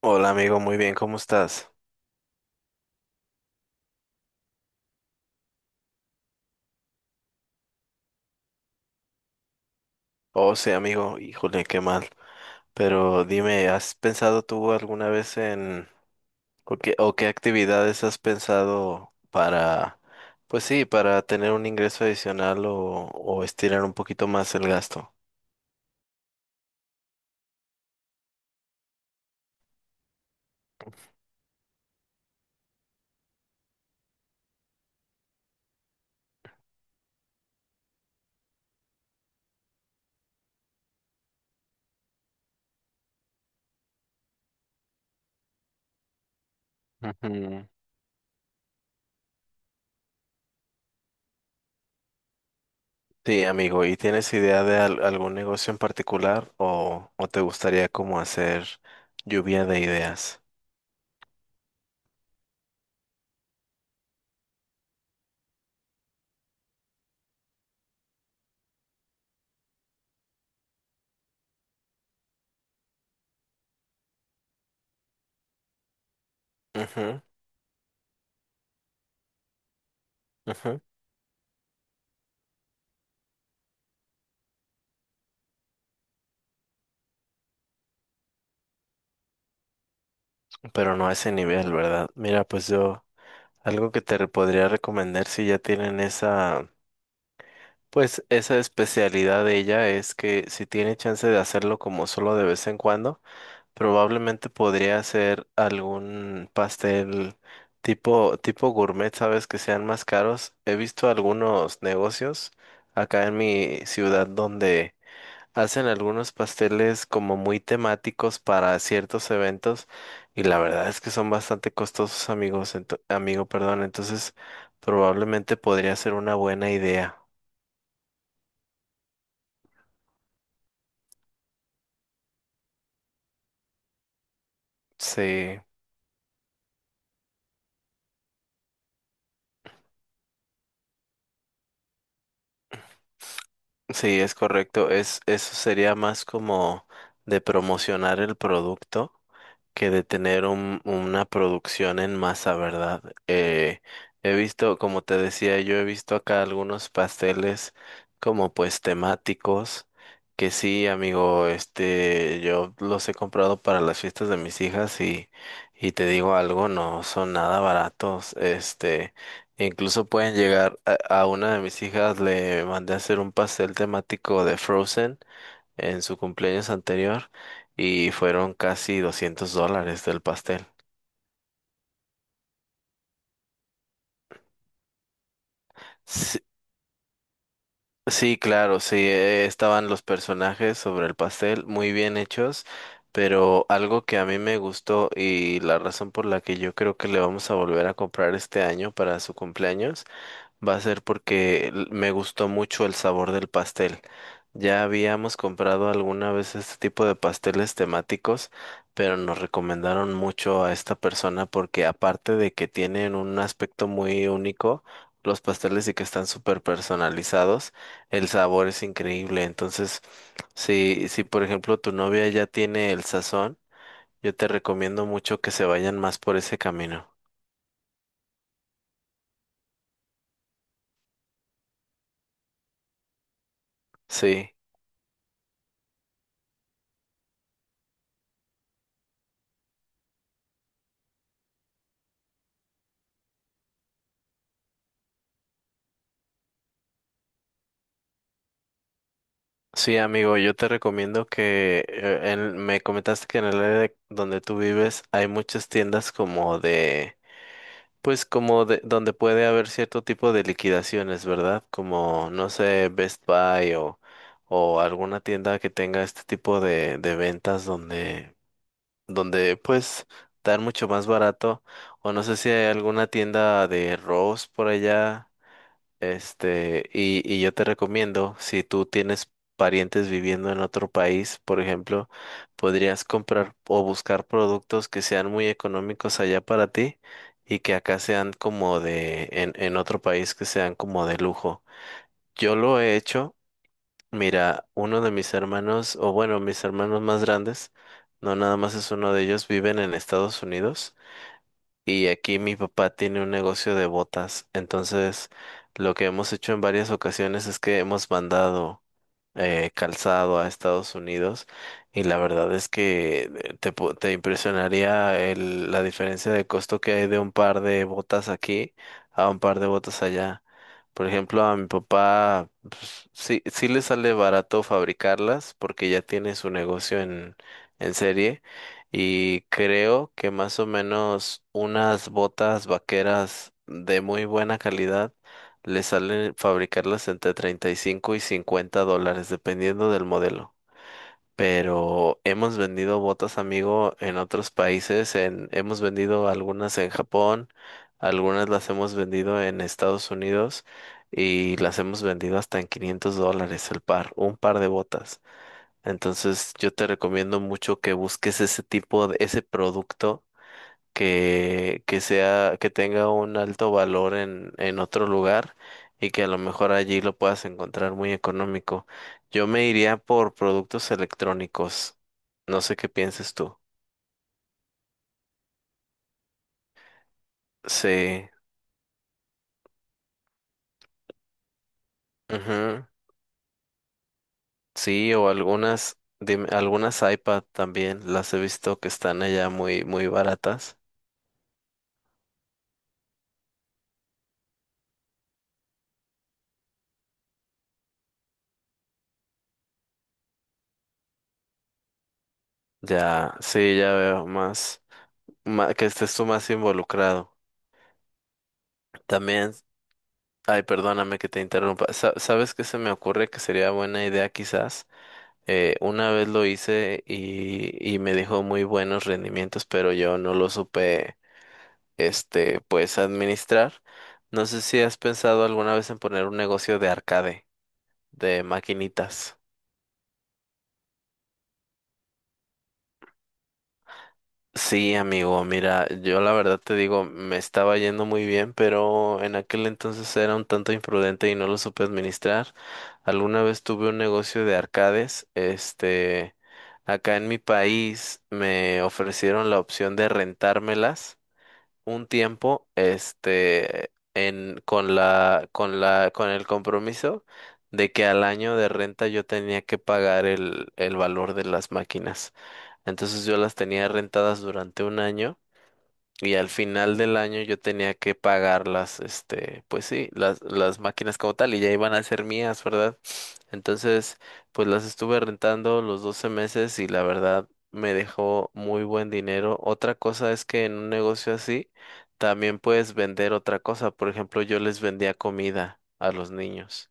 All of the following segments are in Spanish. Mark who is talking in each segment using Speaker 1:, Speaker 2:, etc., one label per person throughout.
Speaker 1: Hola amigo, muy bien, ¿cómo estás? Oh, sí, amigo, híjole, qué mal. Pero dime, ¿has pensado tú alguna vez en o qué actividades has pensado para, pues sí, para tener un ingreso adicional o estirar un poquito más el gasto? Ujú. Sí, amigo, ¿y tienes idea de algún negocio en particular o te gustaría como hacer lluvia de ideas? Ujú, ujú. Pero no a ese nivel, ¿verdad? Mira, pues yo... Algo que te podría recomendar si ya tienen pues esa especialidad de ella es que si tiene chance de hacerlo como solo de vez en cuando, probablemente podría hacer algún pastel tipo gourmet, sabes, que sean más caros. He visto algunos negocios acá en mi ciudad donde hacen algunos pasteles como muy temáticos para ciertos eventos y la verdad es que son bastante costosos, amigo, perdón, entonces probablemente podría ser una buena idea. Sí, sí, es correcto. Eso sería más como de promocionar el producto, que de tener una producción en masa, ¿verdad? He visto, como te decía, yo he visto acá algunos pasteles como pues temáticos, que sí, amigo, yo los he comprado para las fiestas de mis hijas y te digo algo, no son nada baratos. Incluso pueden llegar a una de mis hijas, le mandé a hacer un pastel temático de Frozen en su cumpleaños anterior y fueron casi $200 del pastel. Sí, sí, claro, sí. Estaban los personajes sobre el pastel muy bien hechos, pero algo que a mí me gustó y la razón por la que yo creo que le vamos a volver a comprar este año para su cumpleaños va a ser porque me gustó mucho el sabor del pastel. Ya habíamos comprado alguna vez este tipo de pasteles temáticos, pero nos recomendaron mucho a esta persona porque aparte de que tienen un aspecto muy único los pasteles y que están súper personalizados, el sabor es increíble. Entonces, si por ejemplo tu novia ya tiene el sazón, yo te recomiendo mucho que se vayan más por ese camino. Sí. Sí, amigo, yo te recomiendo que me comentaste que en el área donde tú vives hay muchas tiendas pues como de donde puede haber cierto tipo de liquidaciones, ¿verdad? Como, no sé, Best Buy o alguna tienda que tenga este tipo de ventas donde pues dar mucho más barato. O no sé si hay alguna tienda de Rose por allá. Y yo te recomiendo, si tú tienes parientes viviendo en otro país, por ejemplo, podrías comprar o buscar productos que sean muy económicos allá para ti y que acá sean como en otro país que sean como de lujo. Yo lo he hecho. Mira, uno de mis hermanos, o bueno, mis hermanos más grandes, no nada más es uno de ellos, viven en Estados Unidos. Y aquí mi papá tiene un negocio de botas. Entonces, lo que hemos hecho en varias ocasiones es que hemos mandado calzado a Estados Unidos y la verdad es que te impresionaría la diferencia de costo que hay de un par de botas aquí a un par de botas allá. Por ejemplo, a mi papá pues, sí, sí le sale barato fabricarlas porque ya tiene su negocio en serie y creo que más o menos unas botas vaqueras de muy buena calidad le sale fabricarlas entre $35 y $50, dependiendo del modelo. Pero hemos vendido botas, amigo, en otros países. En, hemos vendido algunas en Japón, algunas las hemos vendido en Estados Unidos y las hemos vendido hasta en $500 el par, un par de botas. Entonces, yo te recomiendo mucho que busques ese tipo de ese producto que sea, que tenga un alto valor en otro lugar y que a lo mejor allí lo puedas encontrar muy económico. Yo me iría por productos electrónicos. No sé qué pienses tú. Sí, ujú. Sí, o algunas iPad también las he visto que están allá muy, muy baratas. Ya, sí, ya veo más, que estés tú más involucrado. También... Ay, perdóname que te interrumpa. ¿Sabes qué se me ocurre que sería buena idea quizás? Una vez lo hice y me dejó muy buenos rendimientos, pero yo no lo supe, pues administrar. No sé si has pensado alguna vez en poner un negocio de arcade, de maquinitas. Sí, amigo, mira, yo la verdad te digo, me estaba yendo muy bien, pero en aquel entonces era un tanto imprudente y no lo supe administrar. Alguna vez tuve un negocio de arcades. Acá en mi país me ofrecieron la opción de rentármelas un tiempo, este, en, con la, con la, con el compromiso de que al año de renta yo tenía que pagar el valor de las máquinas. Entonces yo las tenía rentadas durante un año y al final del año yo tenía que pagar las, pues sí, las máquinas como tal, y ya iban a ser mías, ¿verdad? Entonces, pues las estuve rentando los 12 meses y la verdad me dejó muy buen dinero. Otra cosa es que en un negocio así también puedes vender otra cosa. Por ejemplo, yo les vendía comida a los niños.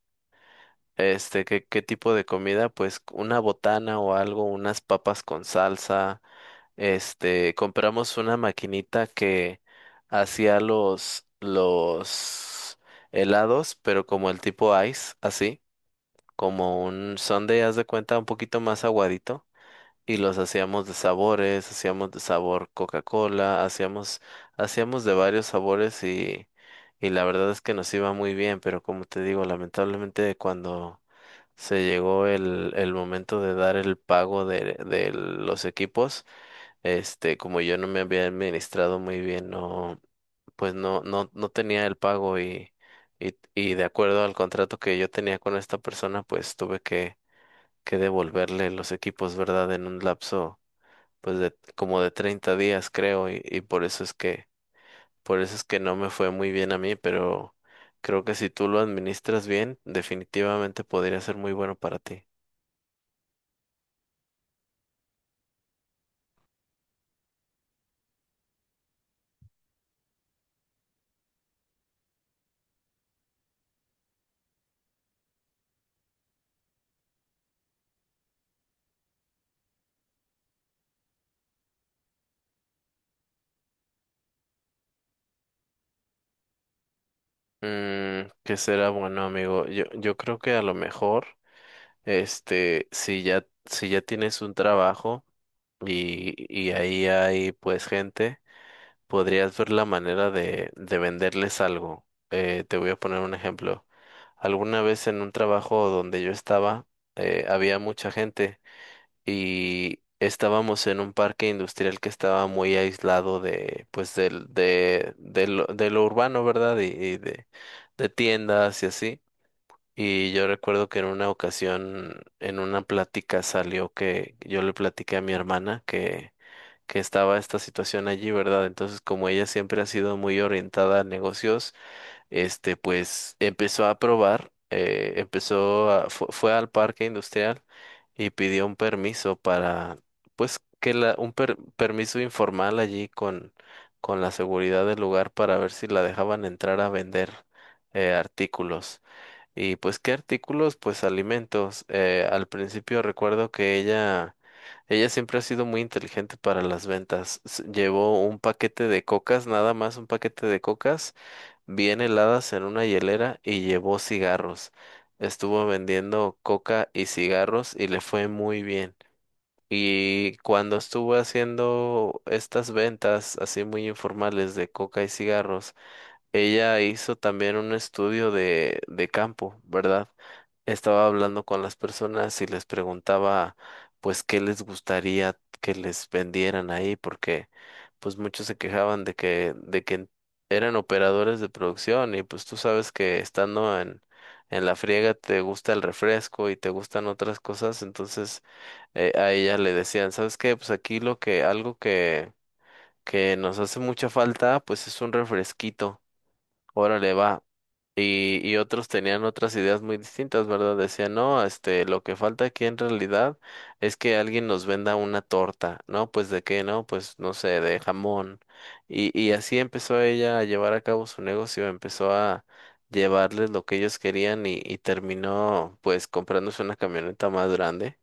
Speaker 1: ¿Qué tipo de comida? Pues una botana o algo, unas papas con salsa. Compramos una maquinita que hacía los helados, pero como el tipo ice, así, como un sundae, haz de cuenta, un poquito más aguadito. Y los hacíamos de sabores, hacíamos de sabor Coca-Cola, hacíamos de varios sabores, y la verdad es que nos iba muy bien, pero como te digo, lamentablemente cuando se llegó el momento de dar el pago de los equipos, como yo no me había administrado muy bien, pues no tenía el pago, y de acuerdo al contrato que yo tenía con esta persona, pues tuve que devolverle los equipos, ¿verdad? En un lapso, pues de como de 30 días, creo, y por eso es que no me fue muy bien a mí, pero creo que si tú lo administras bien, definitivamente podría ser muy bueno para ti. ¿Qué será bueno, amigo? Yo creo que a lo mejor. Si ya tienes un trabajo y ahí hay pues gente, podrías ver la manera de venderles algo. Te voy a poner un ejemplo. Alguna vez en un trabajo donde yo estaba, había mucha gente y estábamos en un parque industrial que estaba muy aislado pues, del, de lo urbano, ¿verdad? Y de tiendas y así. Y yo recuerdo que en una ocasión, en una plática salió que yo le platiqué a mi hermana que estaba esta situación allí, ¿verdad? Entonces, como ella siempre ha sido muy orientada a negocios, pues empezó a probar, fue al parque industrial y pidió un permiso para, pues, un permiso informal allí con la seguridad del lugar para ver si la dejaban entrar a vender artículos. Y pues, ¿qué artículos? Pues alimentos. Al principio recuerdo que ella siempre ha sido muy inteligente para las ventas. Llevó un paquete de cocas, nada más un paquete de cocas bien heladas en una hielera y llevó cigarros. Estuvo vendiendo coca y cigarros y le fue muy bien. Y cuando estuvo haciendo estas ventas así muy informales de coca y cigarros, ella hizo también un estudio de campo, ¿verdad? Estaba hablando con las personas y les preguntaba pues qué les gustaría que les vendieran ahí porque pues muchos se quejaban de que eran operadores de producción y pues tú sabes que estando en la friega te gusta el refresco y te gustan otras cosas, entonces a ella le decían, ¿sabes qué? Pues aquí lo que algo que nos hace mucha falta pues es un refresquito. Órale, va. Y otros tenían otras ideas muy distintas, ¿verdad? Decían, no, lo que falta aquí en realidad es que alguien nos venda una torta, ¿no? Pues de qué, ¿no? Pues no sé, de jamón. Y y así empezó ella a llevar a cabo su negocio, empezó a llevarles lo que ellos querían y terminó pues comprándose una camioneta más grande,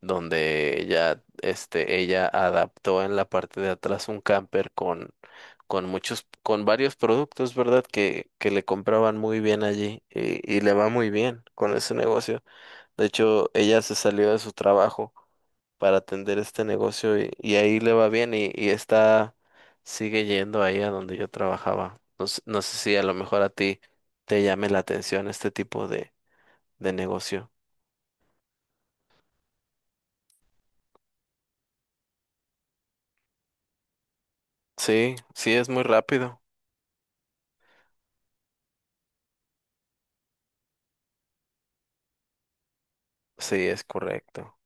Speaker 1: donde ya, ella adaptó en la parte de atrás un camper con muchos, con varios productos, ¿verdad? Que le compraban muy bien allí y le va muy bien con ese negocio. De hecho, ella se salió de su trabajo para atender este negocio y ahí le va bien y sigue yendo ahí a donde yo trabajaba. No, no sé si a lo mejor a ti te llame la atención este tipo de negocio. Sí, sí, es muy rápido. Sí, es correcto.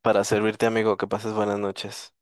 Speaker 1: Para servirte, amigo, que pases buenas noches.